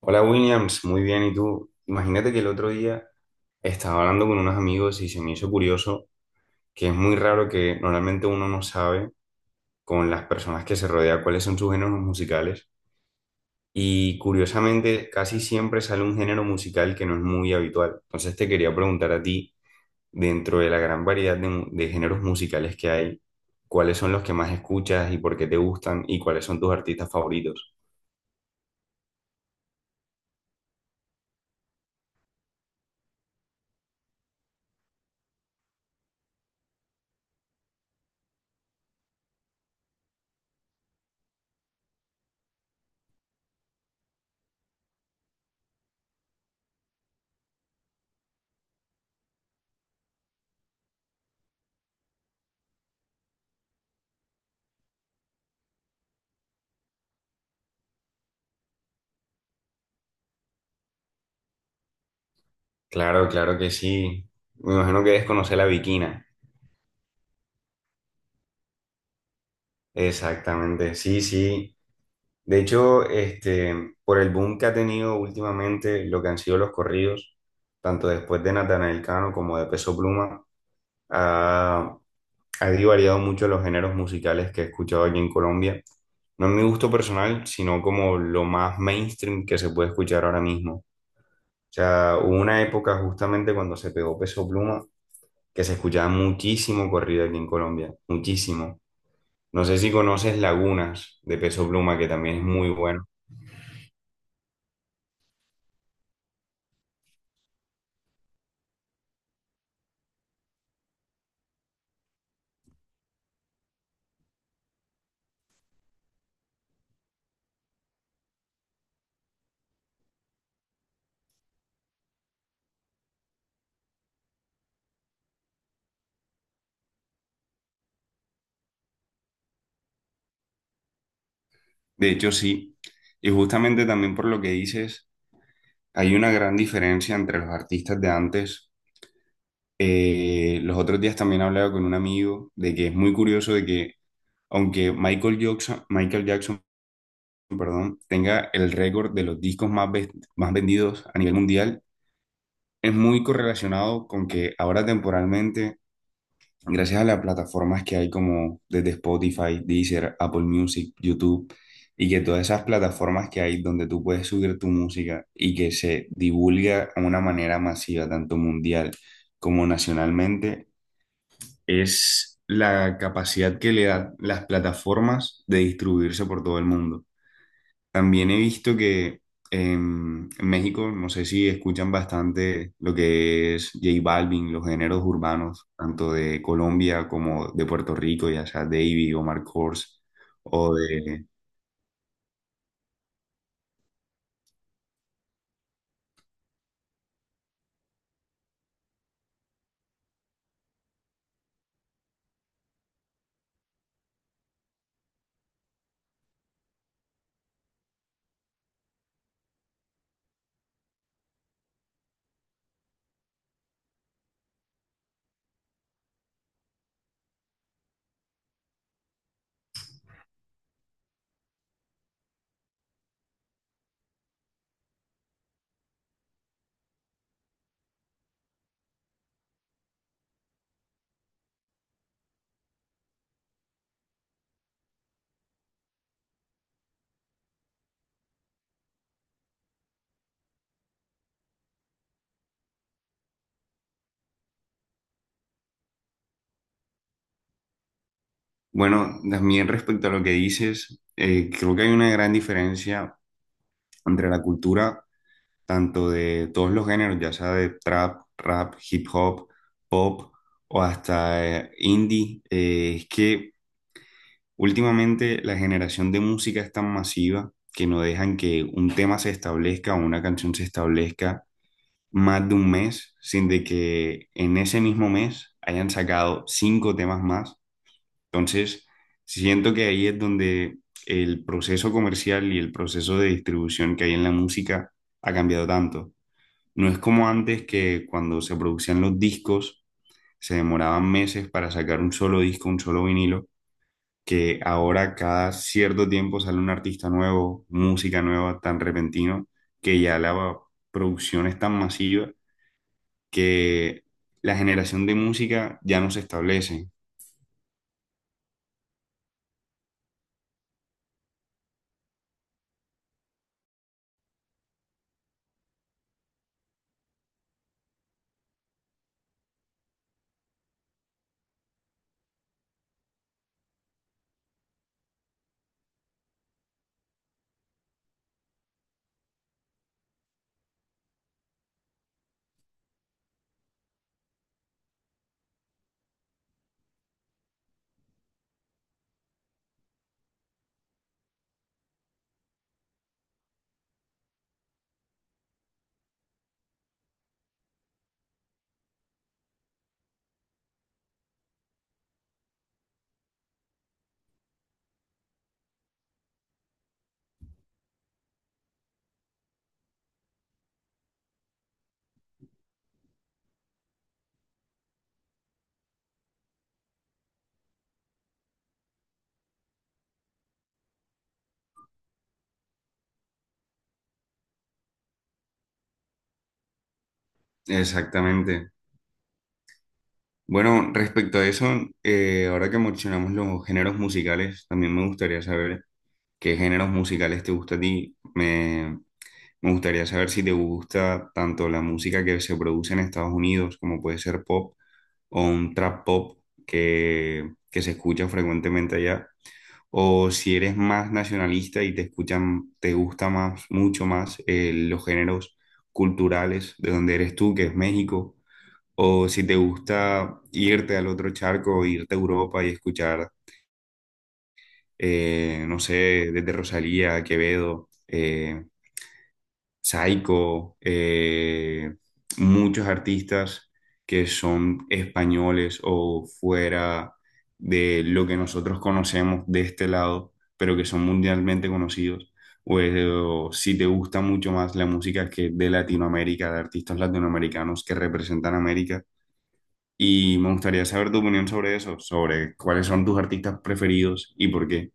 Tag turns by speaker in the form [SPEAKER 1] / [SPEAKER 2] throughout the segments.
[SPEAKER 1] Hola Williams, muy bien. ¿Y tú? Imagínate que el otro día estaba hablando con unos amigos y se me hizo curioso que es muy raro que normalmente uno no sabe con las personas que se rodea cuáles son sus géneros musicales y curiosamente casi siempre sale un género musical que no es muy habitual. Entonces te quería preguntar a ti, dentro de la gran variedad de, de géneros musicales que hay, ¿cuáles son los que más escuchas y por qué te gustan y cuáles son tus artistas favoritos? Claro, claro que sí. Me imagino que debes conocer la Bikina. Exactamente, sí, sí. De hecho, por el boom que ha tenido últimamente lo que han sido los corridos, tanto después de Natanael Cano como de Peso Pluma, ha, ha variado mucho los géneros musicales que he escuchado aquí en Colombia. No en mi gusto personal, sino como lo más mainstream que se puede escuchar ahora mismo. O sea, hubo una época justamente cuando se pegó Peso Pluma que se escuchaba muchísimo corrido aquí en Colombia, muchísimo. No sé si conoces Lagunas de Peso Pluma, que también es muy bueno. De hecho, sí. Y justamente también por lo que dices, hay una gran diferencia entre los artistas de antes. Los otros días también hablaba con un amigo de que es muy curioso de que, aunque Michael Jackson, tenga el récord de los discos más, más vendidos a nivel mundial, es muy correlacionado con que ahora temporalmente gracias a las plataformas que hay como desde Spotify, Deezer, Apple Music, YouTube, y que todas esas plataformas que hay donde tú puedes subir tu música y que se divulga de una manera masiva, tanto mundial como nacionalmente, es la capacidad que le dan las plataformas de distribuirse por todo el mundo. También he visto que en México, no sé si escuchan bastante lo que es J Balvin, los géneros urbanos, tanto de Colombia como de Puerto Rico, ya sea Davy o Marc Kors, o de... Bueno, también respecto a lo que dices, creo que hay una gran diferencia entre la cultura, tanto de todos los géneros, ya sea de trap, rap, hip hop, pop o hasta indie, es que últimamente la generación de música es tan masiva que no dejan que un tema se establezca o una canción se establezca más de un mes sin de que en ese mismo mes hayan sacado cinco temas más. Entonces, siento que ahí es donde el proceso comercial y el proceso de distribución que hay en la música ha cambiado tanto. No es como antes que cuando se producían los discos se demoraban meses para sacar un solo disco, un solo vinilo, que ahora cada cierto tiempo sale un artista nuevo, música nueva tan repentino, que ya la producción es tan masiva que la generación de música ya no se establece. Exactamente. Bueno, respecto a eso, ahora que mencionamos los géneros musicales, también me gustaría saber qué géneros musicales te gusta a ti. Me gustaría saber si te gusta tanto la música que se produce en Estados Unidos, como puede ser pop o un trap pop que se escucha frecuentemente allá, o si eres más nacionalista y te escuchan, te gusta más, mucho más los géneros culturales de donde eres tú, que es México, o si te gusta irte al otro charco, irte a Europa y escuchar, no sé, desde Rosalía, Quevedo. Saiko, muchos artistas que son españoles o fuera de lo que nosotros conocemos de este lado, pero que son mundialmente conocidos. O si te gusta mucho más la música que de Latinoamérica, de artistas latinoamericanos que representan América. Y me gustaría saber tu opinión sobre eso, sobre cuáles son tus artistas preferidos y por qué.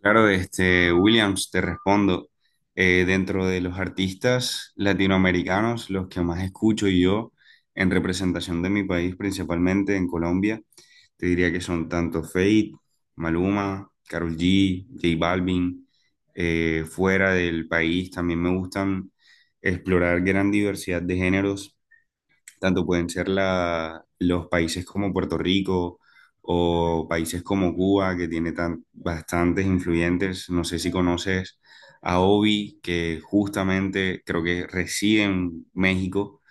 [SPEAKER 1] Claro, Williams, te respondo. Dentro de los artistas latinoamericanos, los que más escucho yo en representación de mi país, principalmente en Colombia, te diría que son tanto Fate, Maluma, Karol G, J Balvin. Fuera del país también me gustan explorar gran diversidad de géneros. Tanto pueden ser los países como Puerto Rico o países como Cuba, que tiene tan, bastantes influyentes. No sé si conoces a Obi, que justamente creo que reside en México.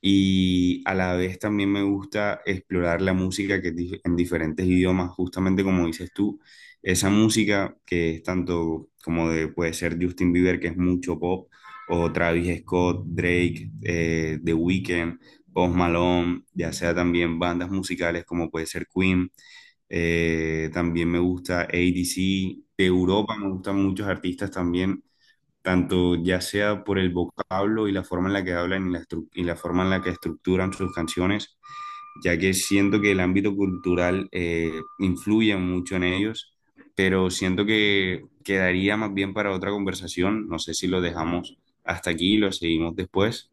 [SPEAKER 1] Y a la vez también me gusta explorar la música que es en diferentes idiomas, justamente como dices tú, esa música que es tanto como de, puede ser Justin Bieber, que es mucho pop, o Travis Scott, Drake, The Weeknd, Post Malone, ya sea también bandas musicales como puede ser Queen. También me gusta ADC. De Europa me gustan muchos artistas también, tanto ya sea por el vocablo y la forma en la que hablan y y la forma en la que estructuran sus canciones, ya que siento que el ámbito cultural influye mucho en ellos, pero siento que quedaría más bien para otra conversación. No sé si lo dejamos hasta aquí y lo seguimos después.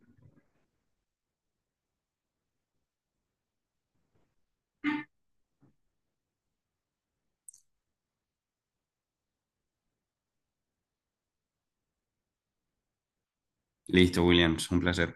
[SPEAKER 1] Listo, Williams, un placer.